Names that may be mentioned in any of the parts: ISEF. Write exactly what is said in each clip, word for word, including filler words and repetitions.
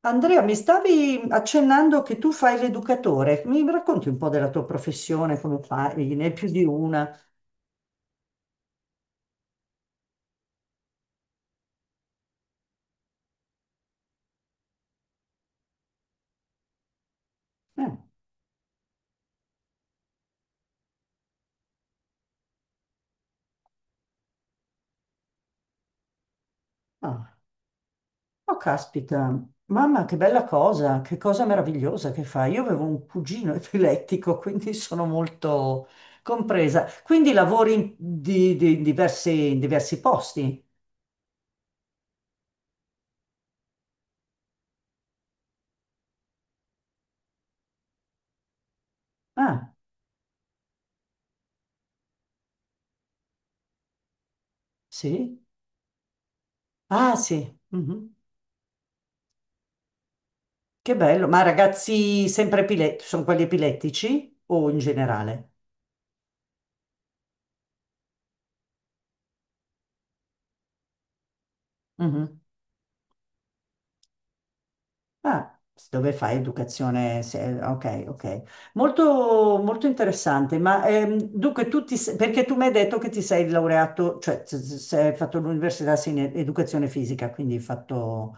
Andrea, mi stavi accennando che tu fai l'educatore. Mi racconti un po' della tua professione, come fai? Ne hai più di una? Eh, ah. Oh, caspita, mamma, che bella cosa, che cosa meravigliosa che fai. Io avevo un cugino epilettico, quindi sono molto compresa. Quindi lavori in, di- di- in diversi, in diversi posti? Ah, sì? Ah, sì. Mhm. Che bello. Ma ragazzi sempre epilettici, sono quelli epilettici o in generale? Mhm. Ah, dove fai educazione? se- Ok, ok. Molto, molto interessante. Ma ehm, dunque, tu ti, se- perché tu mi hai detto che ti sei laureato, cioè s- s- se hai fatto l'università sì, in ed- educazione fisica, quindi hai fatto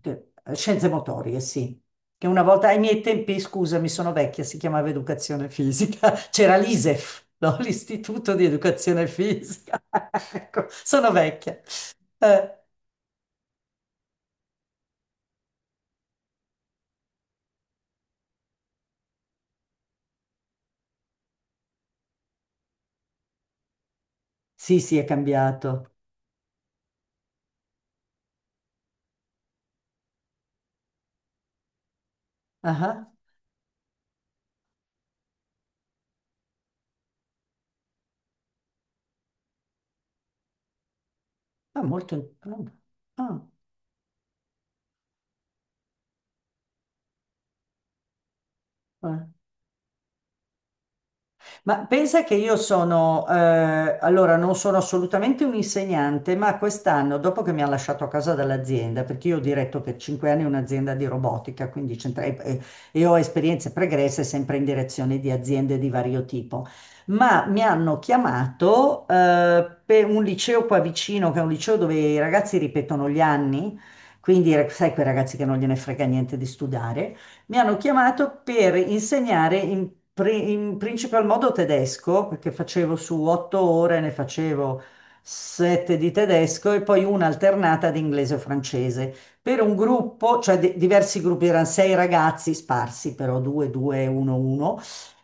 che- scienze motorie, sì. Che una volta ai miei tempi, scusami, sono vecchia, si chiamava educazione fisica. C'era l'I S E F, no? L'Istituto di Educazione Fisica. Ecco, sono vecchia. Eh, sì, sì, è cambiato. Ah. Ah, molto... ah, ah. Eh. Ma pensa che io sono, eh, allora non sono assolutamente un insegnante, ma quest'anno, dopo che mi ha lasciato a casa dall'azienda, perché io ho diretto per cinque anni un'azienda di robotica, quindi c'entra- e, e e ho esperienze pregresse sempre in direzione di aziende di vario tipo, ma mi hanno chiamato, eh, per un liceo qua vicino, che è un liceo dove i ragazzi ripetono gli anni, quindi sai quei ragazzi che non gliene frega niente di studiare. Mi hanno chiamato per insegnare in, pri- in principal modo tedesco, perché facevo su otto ore, ne facevo sette di tedesco e poi una alternata di inglese o francese. Per un gruppo, cioè di- diversi gruppi, erano sei ragazzi sparsi, però due, due, uno, uno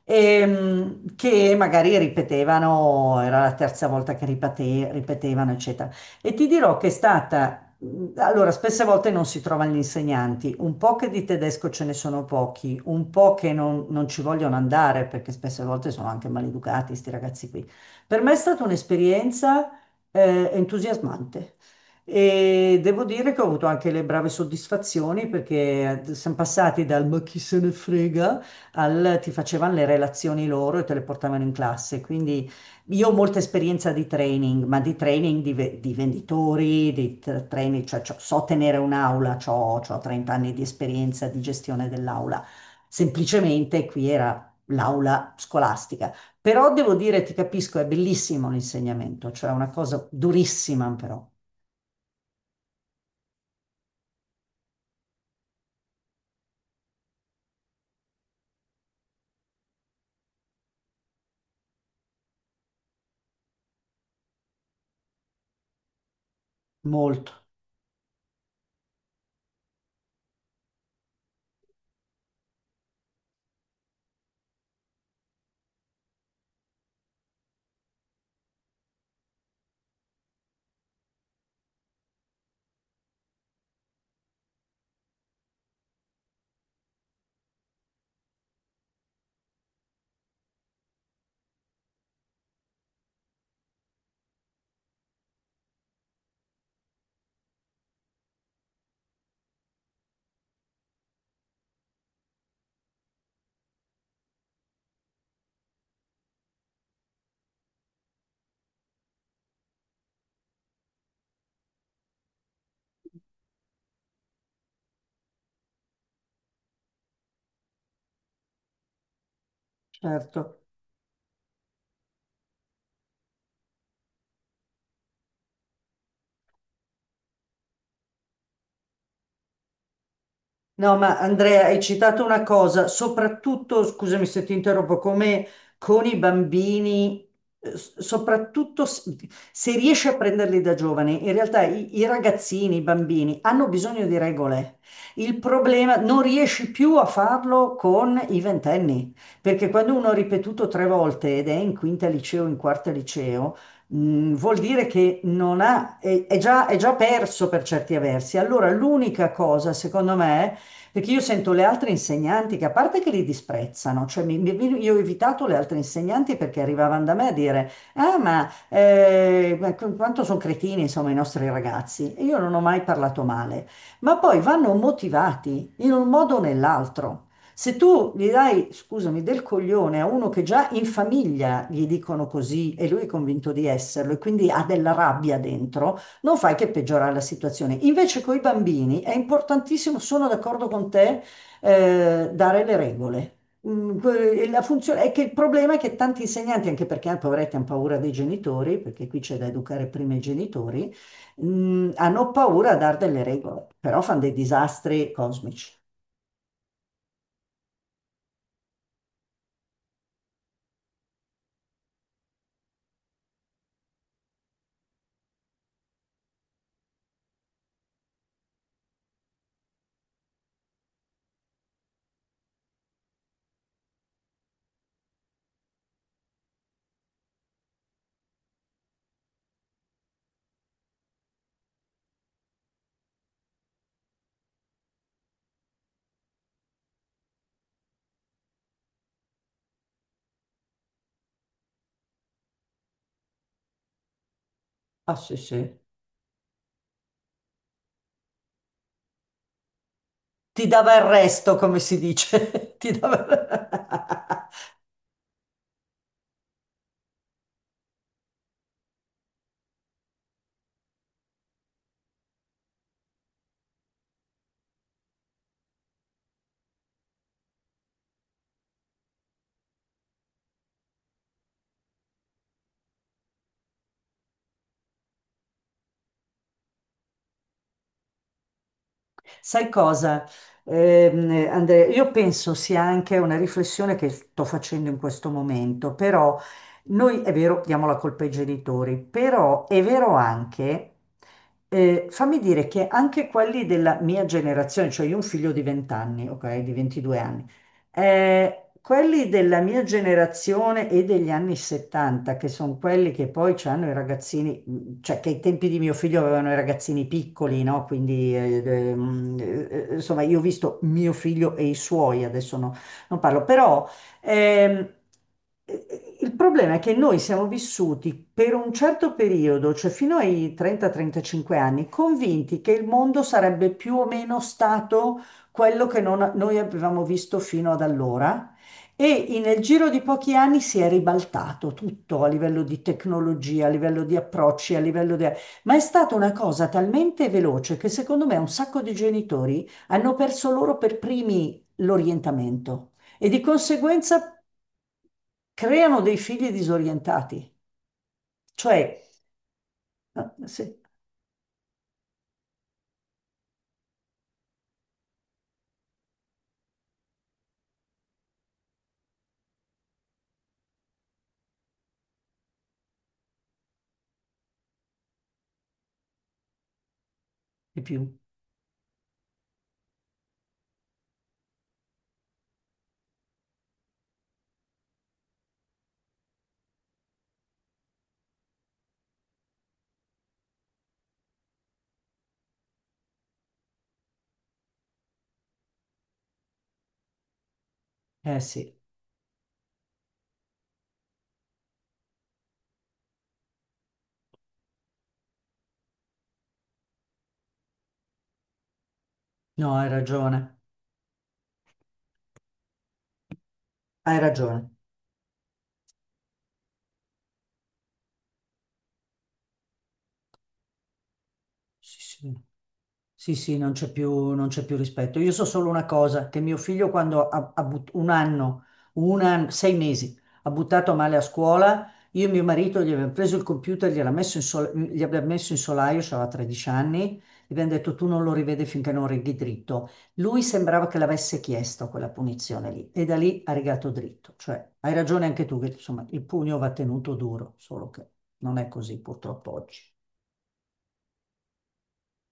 ehm, che magari ripetevano, era la terza volta che ripete- ripetevano, eccetera. E ti dirò che è stata allora, spesse volte non si trovano gli insegnanti, un po' che di tedesco ce ne sono pochi, un po' che non, non ci vogliono andare perché spesse volte sono anche maleducati, questi ragazzi qui. Per me è stata un'esperienza eh, entusiasmante e devo dire che ho avuto anche le brave soddisfazioni perché siamo passati dal ma chi se ne frega al ti facevano le relazioni loro e te le portavano in classe, quindi io ho molta esperienza di training, ma di training di, ve- di venditori, di t- training, cioè, cioè, so tenere un'aula, ho trenta anni di esperienza di gestione dell'aula. Semplicemente qui era l'aula scolastica. Però devo dire, ti capisco, è bellissimo l'insegnamento, cioè è una cosa durissima però, molto, certo. No, ma Andrea, hai citato una cosa, soprattutto, scusami se ti interrompo, come con i bambini, eh, s- soprattutto s- se riesci a prenderli da giovani, in realtà i, i ragazzini, i bambini hanno bisogno di regole. Il problema, non riesci più a farlo con i ventenni, perché quando uno ha ripetuto tre volte ed è in quinta liceo, in quarta liceo, mm, vuol dire che non ha, è, è già, è già perso per certi versi. Allora, l'unica cosa, secondo me, perché io sento le altre insegnanti che a parte che li disprezzano, cioè mi- mi- io ho evitato le altre insegnanti perché arrivavano da me a dire, ah ma eh, ma qu- quanto sono cretini insomma i nostri ragazzi e io non ho mai parlato male, ma poi vanno motivati in un modo o nell'altro. Se tu gli dai, scusami, del coglione a uno che già in famiglia gli dicono così e lui è convinto di esserlo e quindi ha della rabbia dentro, non fai che peggiorare la situazione. Invece con i bambini è importantissimo, sono d'accordo con te, eh, dare le regole. Mm, que- e la funzione è che il problema è che tanti insegnanti, anche perché ah, poveretti hanno paura dei genitori, perché qui c'è da educare prima i genitori, mm, hanno paura a dare delle regole, però fanno dei disastri cosmici. Ah, sì, sì. Ti dava il resto, come si dice. Ti dava... Sai cosa, ehm, Andrea? Io penso sia anche una riflessione che sto facendo in questo momento, però noi è vero, diamo la colpa ai genitori, però è vero anche, eh, fammi dire che anche quelli della mia generazione, cioè io ho un figlio di venti anni, ok, di ventidue anni, eh, quelli della mia generazione e degli anni settanta, che sono quelli che poi hanno i ragazzini, cioè che ai tempi di mio figlio avevano i ragazzini piccoli, no? Quindi, eh, ehm, eh, mm, eh, insomma, io ho visto mio figlio e i suoi, adesso no- non parlo, però ehm, eh, il problema è che noi siamo vissuti per un certo periodo, cioè fino ai trenta trentacinque anni, convinti che il mondo sarebbe più o meno stato quello che non- noi avevamo visto fino ad allora. E nel giro di pochi anni si è ribaltato tutto a livello di tecnologia, a livello di approcci, a livello di... Ma è stata una cosa talmente veloce che secondo me un sacco di genitori hanno perso loro per primi l'orientamento e di conseguenza creano dei figli disorientati. Cioè, ah, sì, di più. Eh sì, no, hai ragione, hai ragione. Sì, sì. Sì, sì, non c'è più, non c'è più rispetto. Io so solo una cosa, che mio figlio quando ha, ha but- un anno, un anno, sei mesi, ha buttato male a scuola, io e mio marito gli abbiamo preso il computer, gliel'ha messo in sol- gli abbiamo messo in solaio, aveva tredici anni, gli abbiamo detto tu non lo rivedi finché non righi dritto. Lui sembrava che l'avesse chiesto quella punizione lì e da lì ha rigato dritto. Cioè, hai ragione anche tu che insomma il pugno va tenuto duro, solo che non è così purtroppo oggi.